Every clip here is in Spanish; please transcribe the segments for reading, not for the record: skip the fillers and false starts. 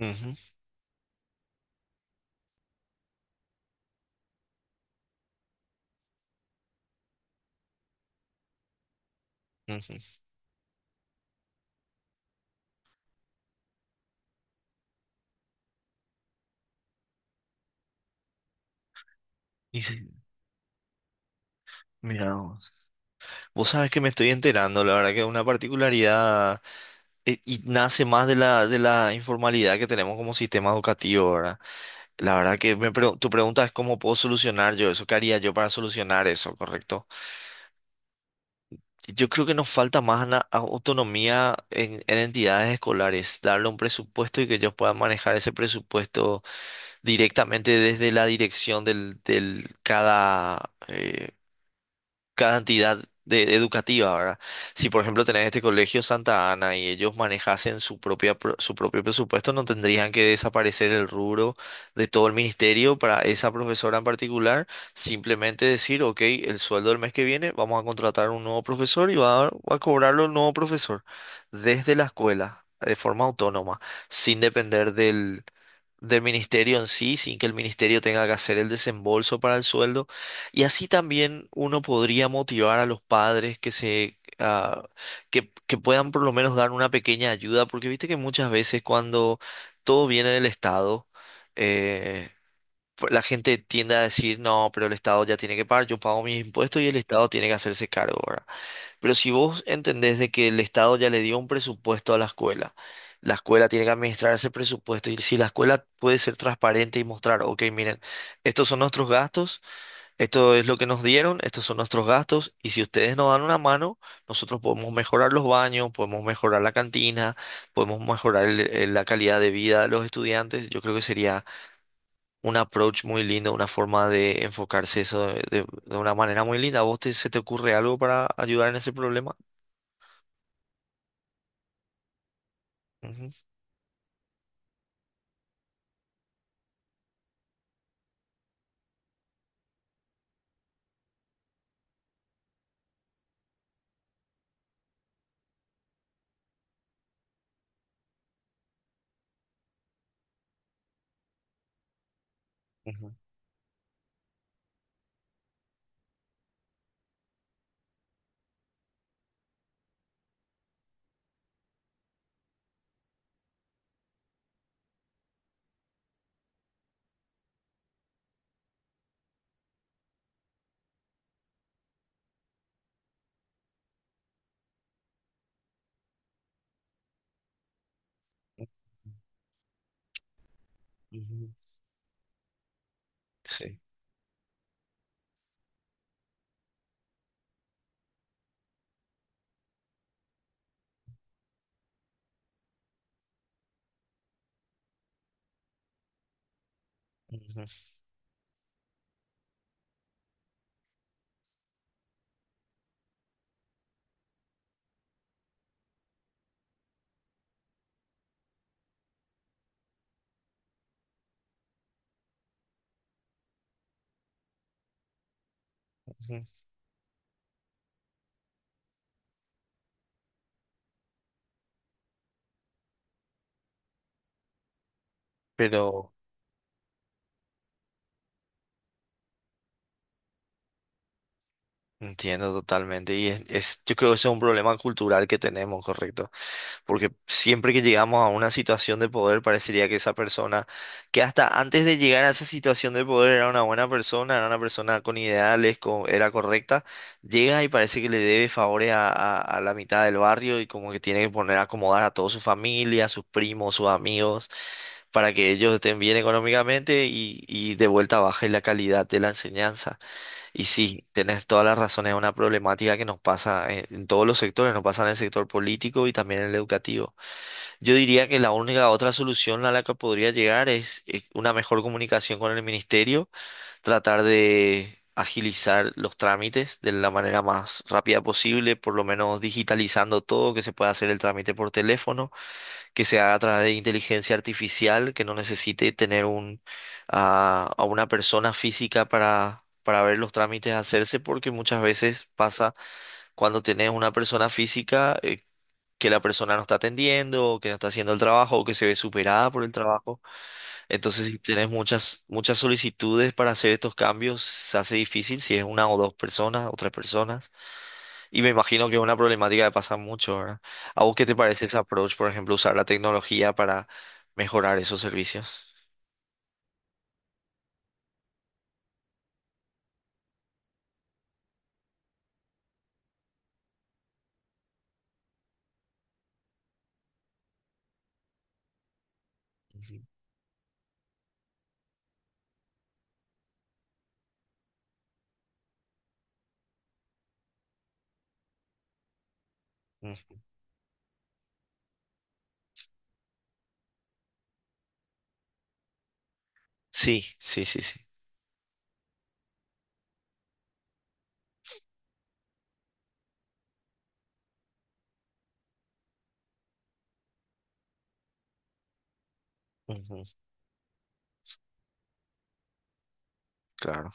Ujú, ujú. Y sí, mira vos. Vos sabés que me estoy enterando, la verdad que es una particularidad y nace más de la informalidad que tenemos como sistema educativo, ¿verdad? La verdad que tu pregunta es cómo puedo solucionar yo eso, qué haría yo para solucionar eso, ¿correcto? Yo creo que nos falta más autonomía en entidades escolares, darle un presupuesto y que ellos puedan manejar ese presupuesto directamente desde la dirección del cantidad de, educativa, ¿verdad? Si por ejemplo tenés este colegio Santa Ana y ellos manejasen su propia, su propio presupuesto, no tendrían que desaparecer el rubro de todo el ministerio para esa profesora en particular, simplemente decir, ok, el sueldo del mes que viene, vamos a contratar un nuevo profesor y va a cobrarlo el nuevo profesor desde la escuela, de forma autónoma, sin depender del... del ministerio en sí, sin que el ministerio tenga que hacer el desembolso para el sueldo, y así también uno podría motivar a los padres que puedan por lo menos dar una pequeña ayuda, porque viste que muchas veces cuando todo viene del Estado, eh, la gente tiende a decir, no, pero el Estado ya tiene que pagar, yo pago mis impuestos y el Estado tiene que hacerse cargo, ¿verdad? Pero si vos entendés de que el Estado ya le dio un presupuesto a la escuela tiene que administrar ese presupuesto y si la escuela puede ser transparente y mostrar, ok, miren, estos son nuestros gastos. Esto es lo que nos dieron, estos son nuestros gastos y si ustedes nos dan una mano, nosotros podemos mejorar los baños, podemos mejorar la cantina, podemos mejorar la calidad de vida de los estudiantes. Yo creo que sería un approach muy lindo, una forma de enfocarse eso de, de una manera muy linda. ¿A vos se te ocurre algo para ayudar en ese problema? Ujú, ujú, ujú, ujú. Sí. Ujú, ujú. Pero entiendo totalmente y es, yo creo que ese es un problema cultural que tenemos, ¿correcto? Porque siempre que llegamos a una situación de poder parecería que esa persona, que hasta antes de llegar a esa situación de poder era una buena persona, era una persona con ideales, era correcta, llega y parece que le debe favores a, a la mitad del barrio y como que tiene que poner a acomodar a toda su familia, a sus primos, sus amigos, para que ellos estén bien económicamente y de vuelta baje la calidad de la enseñanza. Y sí, tenés todas las razones, es una problemática que nos pasa en todos los sectores, nos pasa en el sector político y también en el educativo. Yo diría que la única otra solución a la que podría llegar es, una mejor comunicación con el ministerio, tratar de agilizar los trámites de la manera más rápida posible, por lo menos digitalizando todo, que se pueda hacer el trámite por teléfono, que se haga a través de inteligencia artificial, que no necesite tener a una persona física para ver los trámites hacerse, porque muchas veces pasa cuando tenés una persona física, que la persona no está atendiendo, o que no está haciendo el trabajo, o que se ve superada por el trabajo. Entonces, si tenés muchas solicitudes para hacer estos cambios, se hace difícil si es una o dos personas o tres personas. Y me imagino que es una problemática que pasa mucho, ¿verdad? ¿A vos qué te parece ese approach, por ejemplo, usar la tecnología para mejorar esos servicios? Ujú. Mm. Sí, sí, sí, sí. Ujú, claro,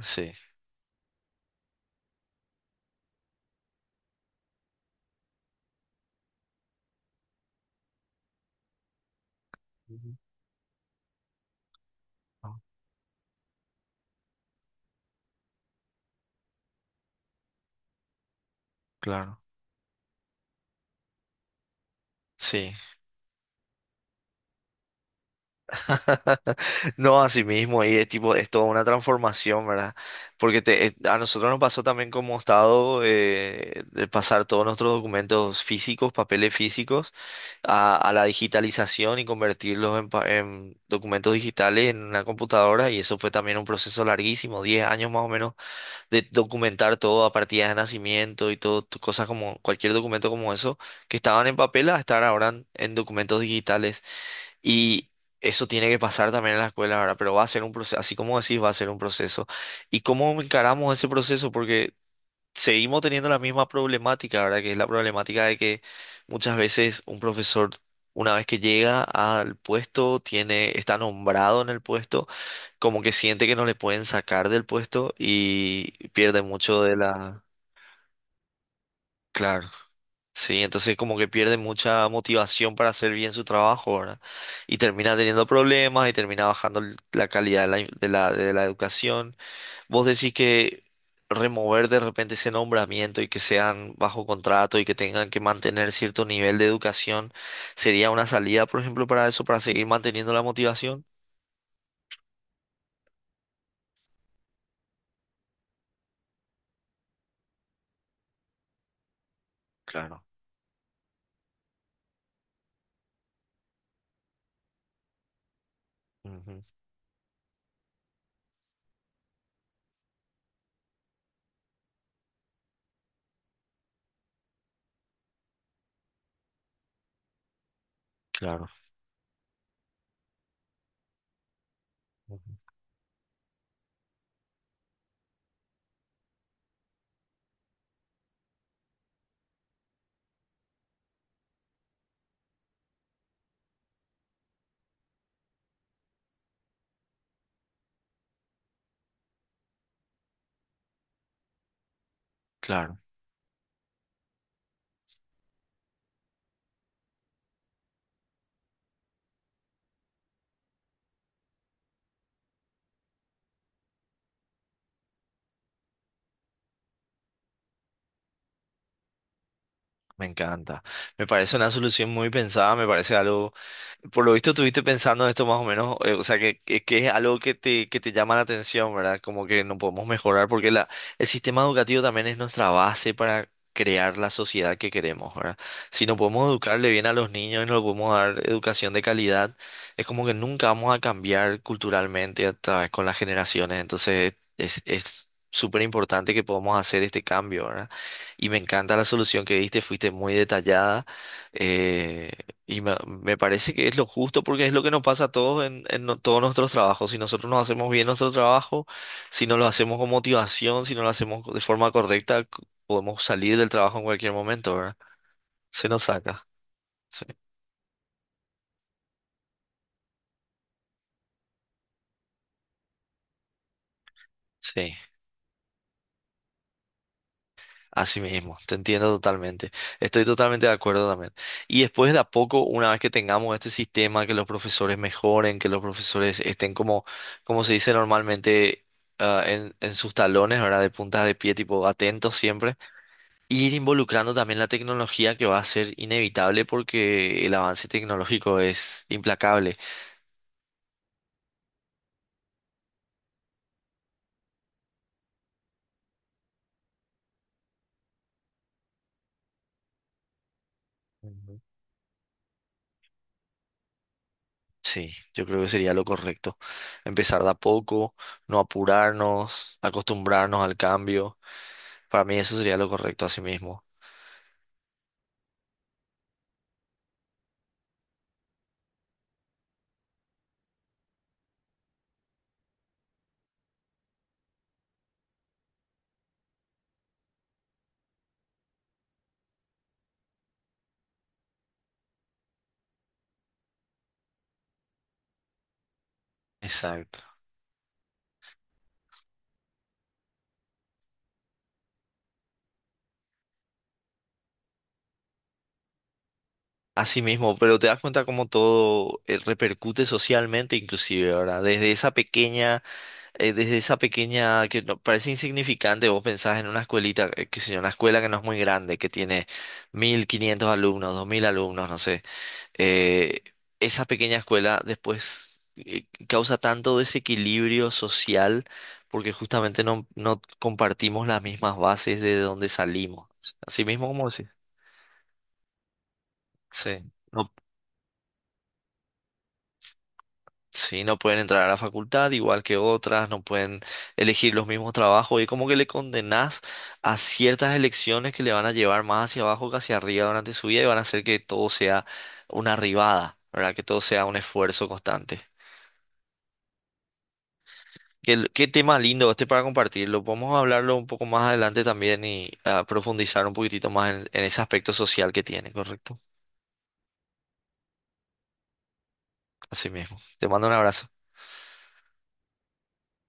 sí. Ujú. Ah, claro, sí. No, así mismo, y es tipo, es toda una transformación, ¿verdad? Porque te, a nosotros nos pasó también como estado, de pasar todos nuestros documentos físicos, papeles físicos, a la digitalización y convertirlos en, en documentos digitales en una computadora, y eso fue también un proceso larguísimo, 10 años más o menos, de documentar todo a partir de nacimiento y todo, cosas como cualquier documento como eso, que estaban en papel a estar ahora en documentos digitales. Y eso tiene que pasar también en la escuela, ¿verdad? Pero va a ser un proceso, así como decís, va a ser un proceso. ¿Y cómo encaramos ese proceso? Porque seguimos teniendo la misma problemática, ¿verdad? Que es la problemática de que muchas veces un profesor, una vez que llega al puesto, tiene, está nombrado en el puesto, como que siente que no le pueden sacar del puesto y pierde mucho de la... Claro. Sí, entonces como que pierde mucha motivación para hacer bien su trabajo, ¿verdad? Y termina teniendo problemas y termina bajando la calidad de la, in- de la educación. Vos decís que remover de repente ese nombramiento y que sean bajo contrato y que tengan que mantener cierto nivel de educación, ¿sería una salida, por ejemplo, para eso, para seguir manteniendo la motivación? Claro, ujú, claro, ujú, claro. Me encanta. Me parece una solución muy pensada, me parece algo. Por lo visto estuviste pensando en esto más o menos, o sea, que, que es algo que te llama la atención, ¿verdad? Como que no podemos mejorar porque la, el sistema educativo también es nuestra base para crear la sociedad que queremos, ¿verdad? Si no podemos educarle bien a los niños y no le podemos dar educación de calidad, es como que nunca vamos a cambiar culturalmente a través con las generaciones, entonces es súper importante que podamos hacer este cambio, ¿verdad? Y me encanta la solución que diste, fuiste muy detallada. Eh, y me, me parece que es lo justo porque es lo que nos pasa a todos en, en todos nuestros trabajos. Si nosotros no hacemos bien nuestro trabajo, si no lo hacemos con motivación, si no lo hacemos de forma correcta, podemos salir del trabajo en cualquier momento, ¿verdad? Se nos saca. Sí, sí, así mismo. Te entiendo totalmente. Estoy totalmente de acuerdo también. Y después de a poco, una vez que tengamos este sistema, que los profesores mejoren, que los profesores estén como, como se dice normalmente, ah, en sus talones, ¿verdad? De puntas de pie, tipo atentos siempre, ir involucrando también la tecnología que va a ser inevitable porque el avance tecnológico es implacable. Ujú. Sí, yo creo que sería lo correcto. Empezar de a poco, no apurarnos, acostumbrarnos al cambio. Para mí eso sería lo correcto así mismo. Exacto. Así mismo, pero te das cuenta cómo todo, repercute socialmente inclusive, ¿verdad? Desde esa pequeña, que parece insignificante, vos pensás en una escuelita, qué sé yo, una escuela que no es muy grande, que tiene 1.500 alumnos, 2.000 alumnos, no sé. eh, Esa pequeña escuela después, causa tanto desequilibrio social porque justamente no compartimos las mismas bases de donde salimos. Así mismo como decís. Sí. no Sí, no pueden entrar a la facultad igual que otras, no pueden elegir los mismos trabajos y como que le condenás a ciertas elecciones que le van a llevar más hacia abajo que hacia arriba durante su vida y van a hacer que todo sea una arribada, ¿verdad? Que todo sea un esfuerzo constante. Qué, qué tema lindo este para compartirlo. Podemos hablarlo un poco más adelante también y profundizar un poquitito más en ese aspecto social que tiene, ¿correcto? Así mismo. Te mando un abrazo.